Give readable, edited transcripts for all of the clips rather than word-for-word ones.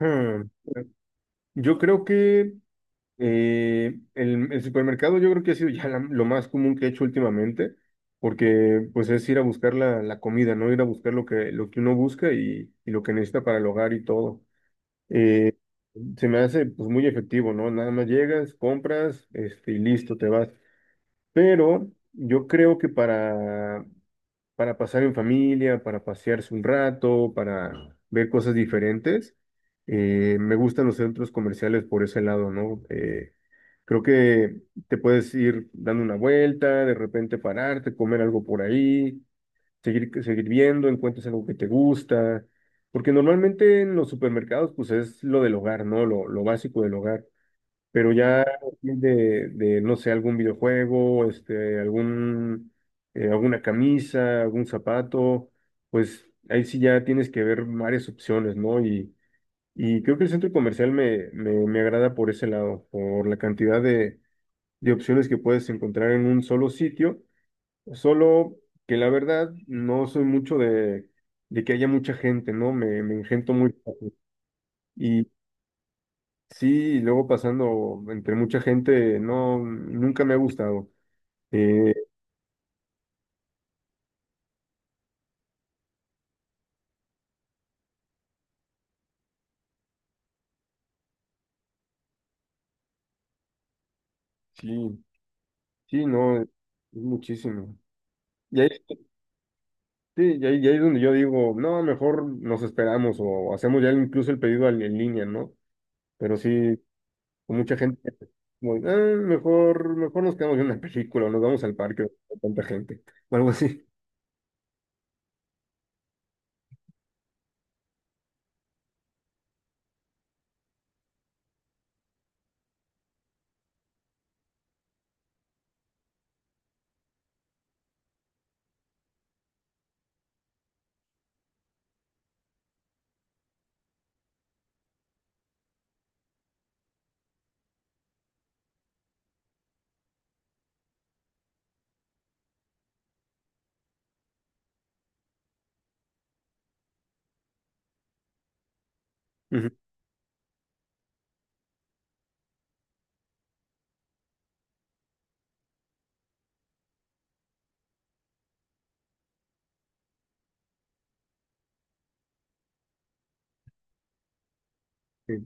Hmm, Yo creo que el supermercado yo creo que ha sido ya la- lo más común que he hecho últimamente, porque pues es ir a buscar la comida, ¿no? Ir a buscar lo que uno busca y lo que necesita para el hogar y todo. Eh, se me hace pues muy efectivo, ¿no? Nada más llegas, compras, este, y listo, te vas. Pero yo creo que para pasar en familia, para pasearse un rato, para ver cosas diferentes. Me gustan los centros comerciales por ese lado, ¿no? Creo que te puedes ir dando una vuelta, de repente pararte, comer algo por ahí, seguir viendo, encuentras algo que te gusta, porque normalmente en los supermercados pues es lo del hogar, ¿no? Lo básico del hogar. Pero ya no sé, algún videojuego, este, alguna camisa, algún zapato, pues ahí sí ya tienes que ver varias opciones, ¿no? Y creo que el centro comercial me agrada por ese lado, por la cantidad de opciones que puedes encontrar en un solo sitio, solo que la verdad no soy mucho de que haya mucha gente, ¿no? Me engento muy fácil. Sí, y luego pasando entre mucha gente, no, nunca me ha gustado. Eh, sí, sí, no, es muchísimo. Y ahí, sí, y ahí es donde yo digo, no, mejor nos esperamos o hacemos ya incluso el pedido al- en línea, ¿no? Pero sí, con mucha gente, como, "Ah, mejor, mejor nos quedamos en una película o nos vamos al parque, con tanta gente, o algo así." Ujú, sí,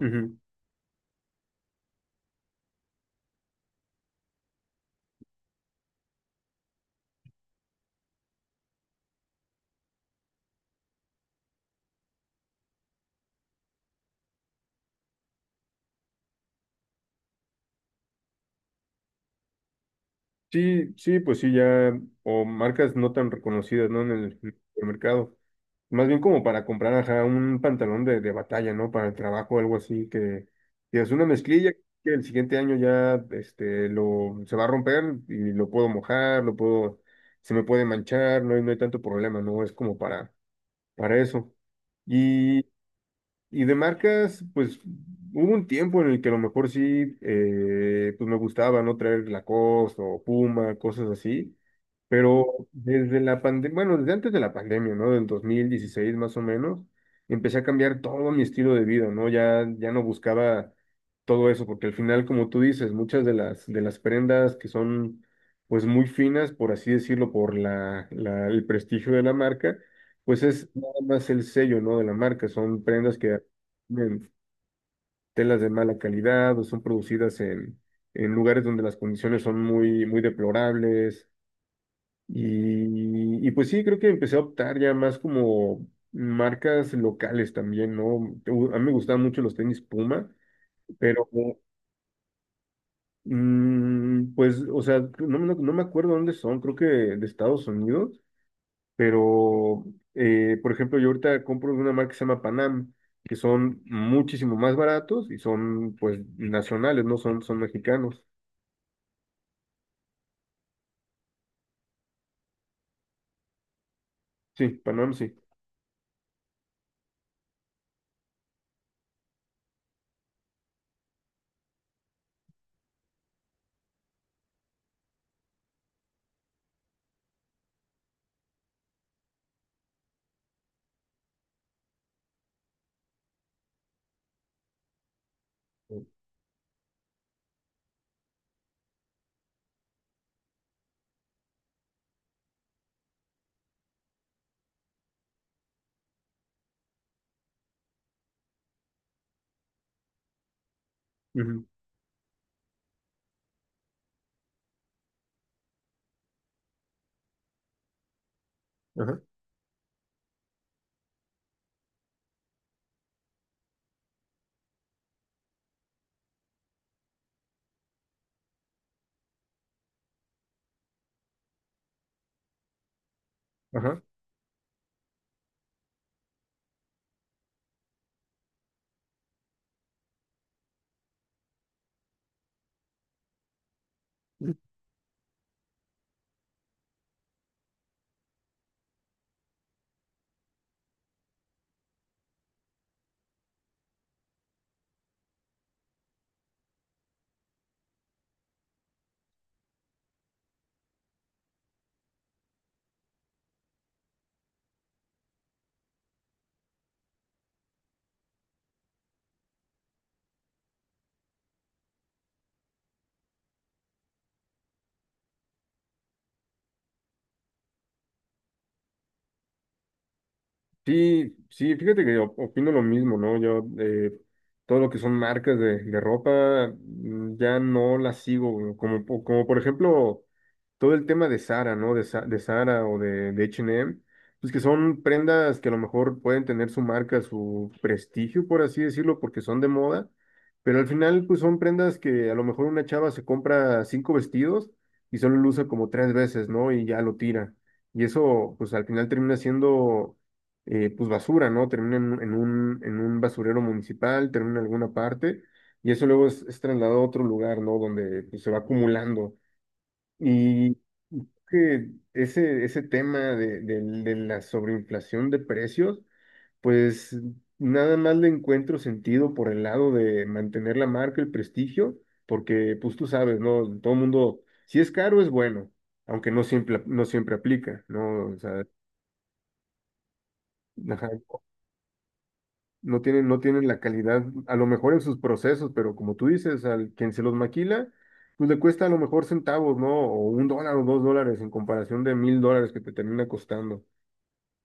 ujú. Sí, sí, pues sí, ya, o marcas no tan reconocidas, ¿no? En el supermercado. Más bien como para comprar ajá, un pantalón de batalla, ¿no? Para el trabajo, algo así, que es una mezclilla que el siguiente año ya este, lo, se va a romper y lo puedo mojar, lo puedo, se me puede manchar, no hay, no hay tanto problema, ¿no? Es como para eso. Y de marcas, pues hubo un tiempo en el que a lo mejor sí, pues me gustaba, ¿no? Traer Lacoste o Puma, cosas así. Pero desde la pandemia, bueno, desde antes de la pandemia, ¿no? Del 2016 más o menos, empecé a cambiar todo mi estilo de vida, ¿no? Ya, ya no buscaba todo eso, porque al final, como tú dices, muchas de las prendas que son, pues, muy finas, por así decirlo, por el prestigio de la marca, pues es nada más el sello, ¿no? De la marca. Son prendas que tienen telas de mala calidad o son producidas en lugares donde las condiciones son muy, muy deplorables. Y pues sí, creo que empecé a optar ya más como marcas locales también, ¿no? U- A mí me gustaban mucho los tenis Puma, pero pues, o sea, no, no me acuerdo dónde son, creo que de Estados Unidos. Pero, por ejemplo, yo ahorita compro de una marca que se llama Panam, que son muchísimo más baratos y son, pues, nacionales, no son, son mexicanos. Sí, Panam sí. Ujú, ajá, ajá. Sí, sí, fíjate que op- opino lo mismo, ¿no? Yo, todo lo que son marcas de ropa, ya no las sigo, güey. Como, po- como por ejemplo, todo el tema de Zara, ¿no? De, Sa- de Zara o de H&M, pues que son prendas que a lo mejor pueden tener su marca, su prestigio, por así decirlo, porque son de moda, pero al final, pues son prendas que a lo mejor una chava se compra cinco vestidos y solo lo usa como tres veces, ¿no? Y ya lo tira. Y eso, pues al final termina siendo pues basura, ¿no? Termina en, un, en un basurero municipal, termina en alguna parte, y eso luego es trasladado a otro lugar, ¿no? Donde pues, se va acumulando. Y que ese tema de, del- de la sobreinflación de precios, pues nada más le encuentro sentido por el lado de mantener la marca, el prestigio, porque pues tú sabes, ¿no? Todo el mundo, si es caro, es bueno, aunque no siempre, no siempre aplica, ¿no? O sea, ajá, no tienen, no tienen la calidad, a lo mejor en sus procesos, pero como tú dices, al quien se los maquila, pues le cuesta a lo mejor centavos, ¿no? O $1 o $2 en comparación de $1,000 que te termina costando.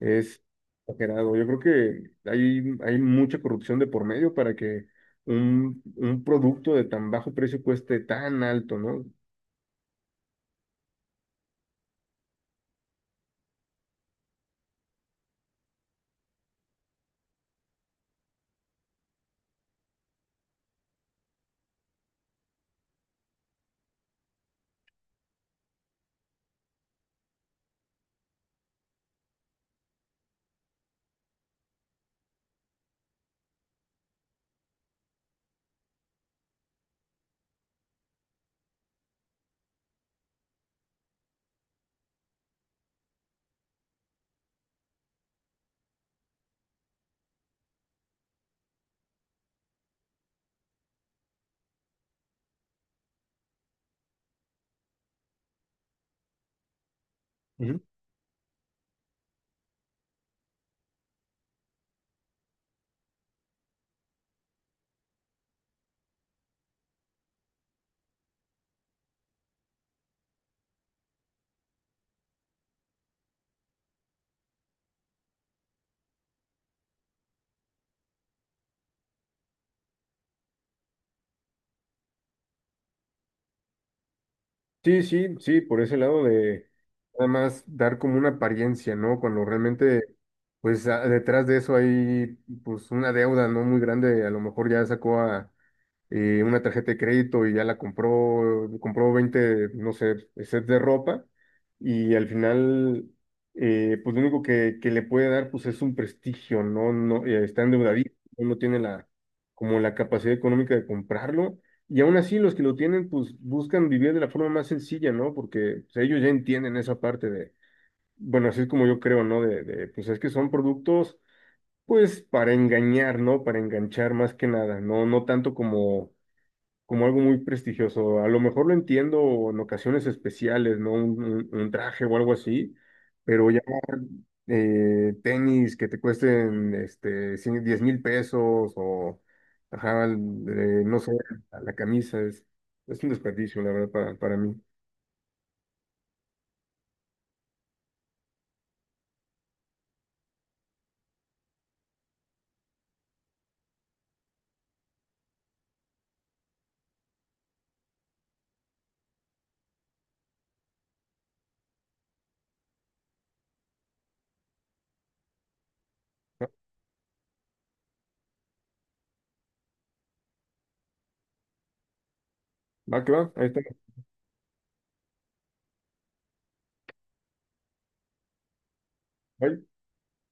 Es exagerado. Yo creo que hay mucha corrupción de por medio para que un producto de tan bajo precio cueste tan alto, ¿no? Ujú. Sí, sí, sí, por ese lado de nada más dar como una apariencia, ¿no? Cuando realmente, pues a- detrás de eso hay pues una deuda no muy grande, a lo mejor ya sacó a, una tarjeta de crédito y ya la compró, compró 20 no sé, sets de ropa y al final, pues lo único que le puede dar, pues es un prestigio, ¿no? No, está endeudadito, no tiene la, como la capacidad económica de comprarlo y aún así los que lo tienen, pues buscan vivir de la forma más sencilla, ¿no? Porque o sea, ellos ya entienden esa parte de, bueno, así es como yo creo, ¿no? De, pues es que son productos... Pues para engañar, ¿no? Para enganchar más que nada, no, no tanto como como algo muy prestigioso. A lo mejor lo entiendo en ocasiones especiales, ¿no? Un traje o algo así, pero ya tenis que te cuesten este, 100 10,000 pesos o, ajá, no sé, la camisa es un desperdicio, la verdad, para mí. Va que va, ahí está. Bye.